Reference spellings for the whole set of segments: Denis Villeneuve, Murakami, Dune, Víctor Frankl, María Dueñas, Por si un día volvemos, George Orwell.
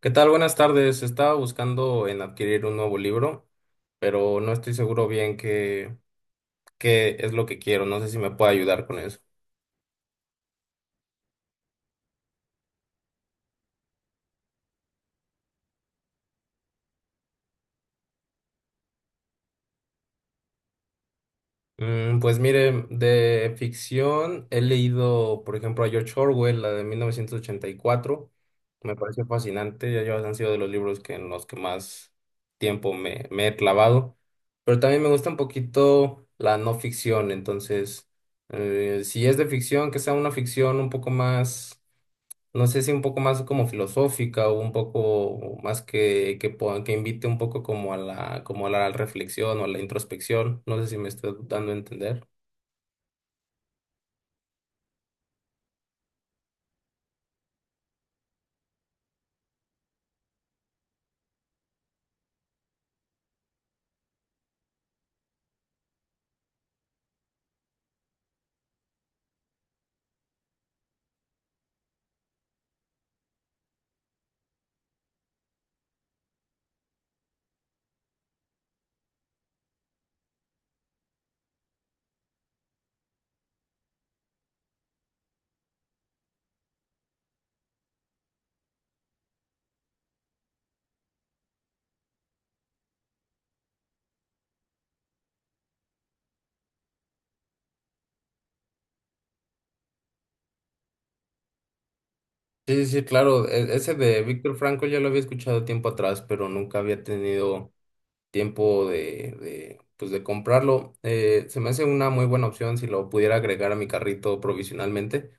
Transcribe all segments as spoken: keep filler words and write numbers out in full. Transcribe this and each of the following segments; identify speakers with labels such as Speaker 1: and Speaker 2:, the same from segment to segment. Speaker 1: ¿Qué tal? Buenas tardes. Estaba buscando en adquirir un nuevo libro, pero no estoy seguro bien qué, qué es lo que quiero. No sé si me puede ayudar con eso. Mm, pues mire, de ficción he leído, por ejemplo, a George Orwell, la de mil novecientos ochenta y cuatro. Me pareció fascinante. Ya llevas- han sido de los libros que en los que más tiempo me, me he clavado. Pero también me gusta un poquito la no ficción. Entonces, eh, si es de ficción, que sea una ficción un poco más, no sé, si un poco más como filosófica o un poco más que, que, po- que invite un poco como a la, como a la reflexión o a la introspección. No sé si me estoy dando a entender. Sí, sí, sí, claro. e- Ese de Víctor Franco ya lo había escuchado tiempo atrás, pero nunca había tenido tiempo de, de, pues de comprarlo. Eh, se me hace una muy buena opción si lo pudiera agregar a mi carrito provisionalmente.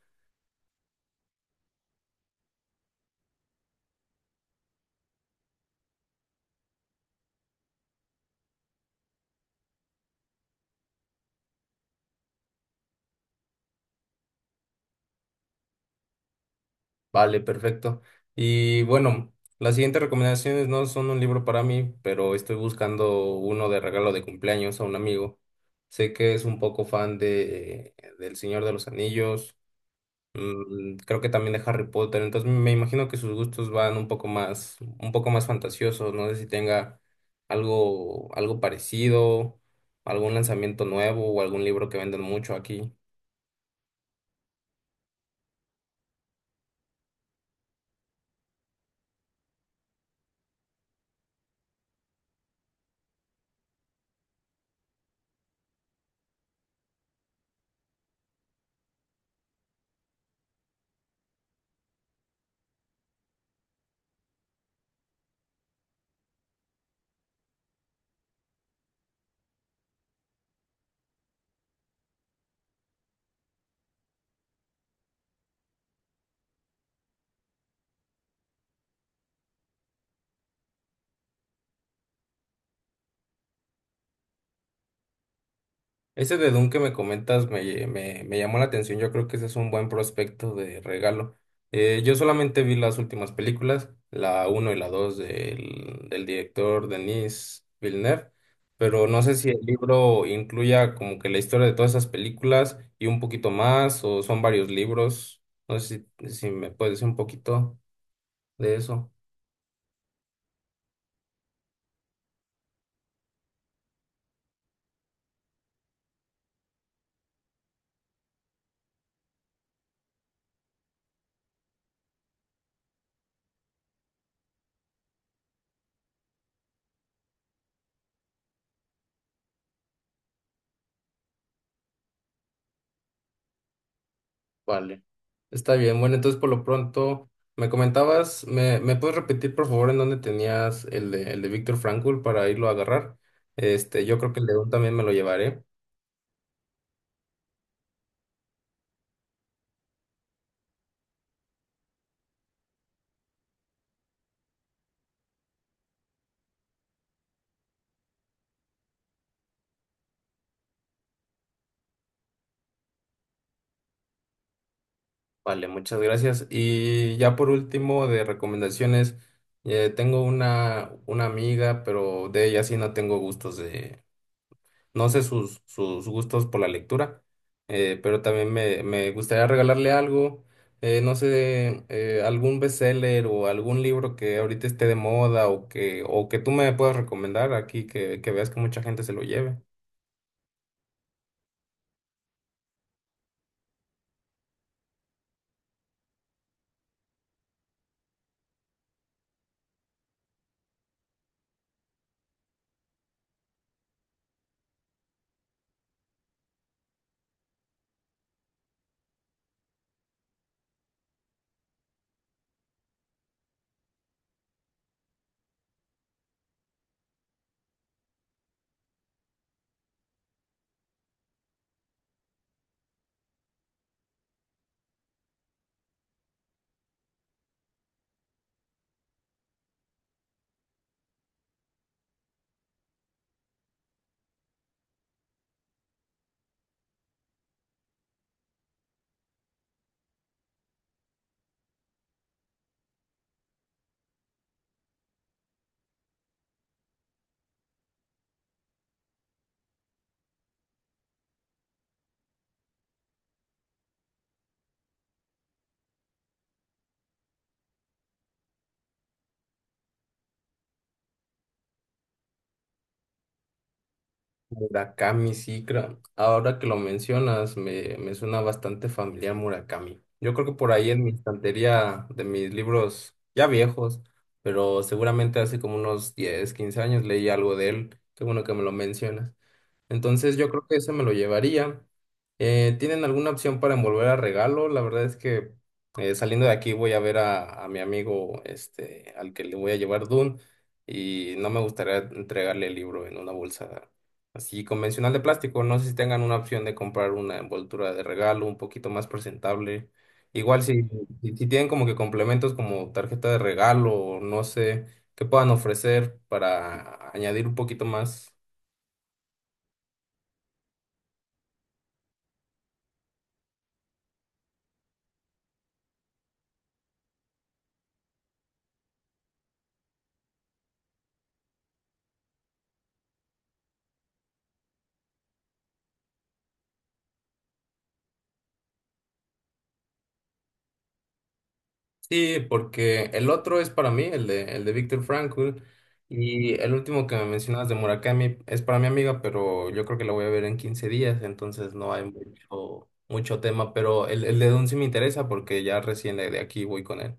Speaker 1: Vale, perfecto. Y bueno, las siguientes recomendaciones no son un libro para mí, pero estoy buscando uno de regalo de cumpleaños a un amigo. Sé que es un poco fan de del Señor de los Anillos, mm, creo que también de Harry Potter, entonces me imagino que sus gustos van un poco más, un poco más fantasiosos. No sé si tenga algo, algo parecido, algún lanzamiento nuevo o algún libro que vendan mucho aquí. Ese de Doom que me comentas me, me, me llamó la atención. Yo creo que ese es un buen prospecto de regalo. Eh, yo solamente vi las últimas películas, la uno y la dos del, del director Denis Villeneuve, pero no sé si el libro incluya como que la historia de todas esas películas y un poquito más, o son varios libros. No sé si, si me puedes decir un poquito de eso. Vale, está bien. Bueno, entonces por lo pronto, me comentabas, ¿me, me puedes repetir por favor en dónde tenías el de, el de Víctor Frankl para irlo a agarrar? Este, yo creo que el de Dune también me lo llevaré. Vale, muchas gracias. Y ya por último, de recomendaciones, eh, tengo una, una amiga, pero de ella sí no tengo gustos. No sé sus, sus gustos por la lectura, eh, pero también me, me gustaría regalarle algo, eh, no sé, eh, algún bestseller o algún libro que ahorita esté de moda o que, o que tú me puedas recomendar aquí, que, que veas que mucha gente se lo lleve. Murakami, sí, creo. Ahora que lo mencionas, me, me suena bastante familiar Murakami. Yo creo que por ahí en mi estantería de mis libros ya viejos, pero seguramente hace como unos diez quince años leí algo de él. Qué bueno que me lo mencionas. Entonces yo creo que ese me lo llevaría. Eh, ¿tienen alguna opción para envolver a regalo? La verdad es que, eh, saliendo de aquí voy a ver a, a mi amigo este, al que le voy a llevar Dune, y no me gustaría entregarle el libro en una bolsa así convencional de plástico. No sé si tengan una opción de comprar una envoltura de regalo un poquito más presentable. Igual si, si si tienen como que complementos como tarjeta de regalo o no sé, qué puedan ofrecer para añadir un poquito más. Sí, porque el otro es para mí, el de, el de Viktor Frankl, y el último que me mencionabas de Murakami es para mi amiga, pero yo creo que la voy a ver en quince días, entonces no hay mucho, mucho tema, pero el, el de Dune sí me interesa porque ya recién de de aquí voy con él.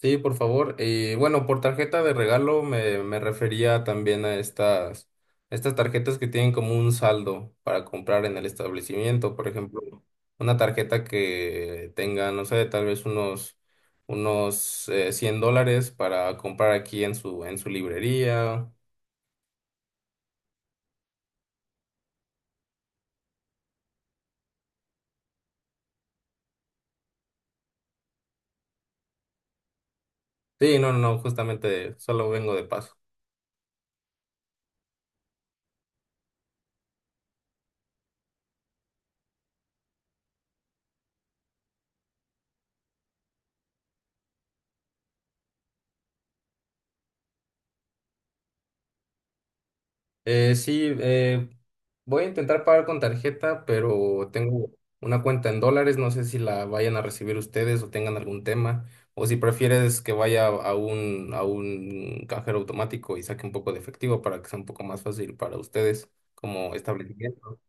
Speaker 1: Sí, por favor. Y bueno, por tarjeta de regalo me, me refería también a estas, estas tarjetas que tienen como un saldo para comprar en el establecimiento. Por ejemplo, una tarjeta que tenga, no sé, tal vez unos, unos eh, cien dólares para comprar aquí en su, en su librería. Sí, no, no, no, justamente solo vengo de paso. Eh, sí, eh, voy a intentar pagar con tarjeta, pero tengo una cuenta en dólares. No sé si la vayan a recibir ustedes o tengan algún tema, o si prefieres que vaya a un, a un cajero automático y saque un poco de efectivo para que sea un poco más fácil para ustedes como establecimiento.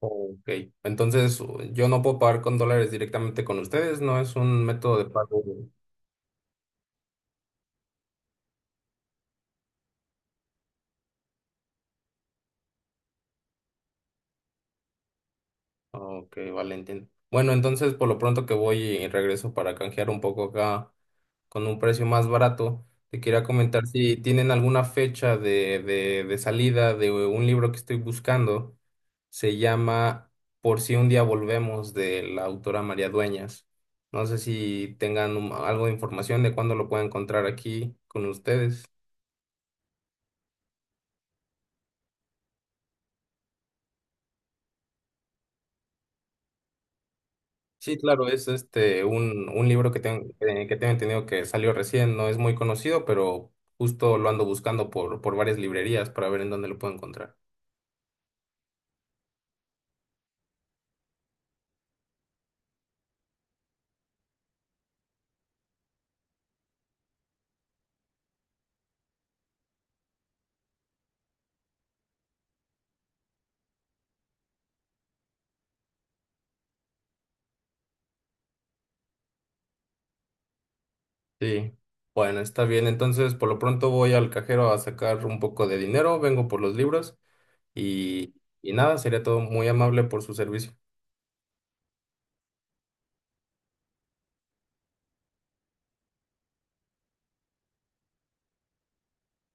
Speaker 1: Ok, entonces yo no puedo pagar con dólares directamente con ustedes, no es un método de pago. Ok, vale, entiendo. Bueno, entonces por lo pronto que voy y regreso para canjear un poco acá con un precio más barato, te quería comentar si tienen alguna fecha de, de, de salida de un libro que estoy buscando. Se llama Por si un día volvemos de la autora María Dueñas. No sé si tengan un- algo de información de cuándo lo puedo encontrar aquí con ustedes. Sí, claro, es este un, un libro que tengo, eh, que tengo entendido que salió recién, no es muy conocido, pero justo lo ando buscando por, por varias librerías para ver en dónde lo puedo encontrar. Sí. Bueno, está bien. Entonces, por lo pronto voy al cajero a sacar un poco de dinero, vengo por los libros y, y nada, sería todo muy amable por su servicio.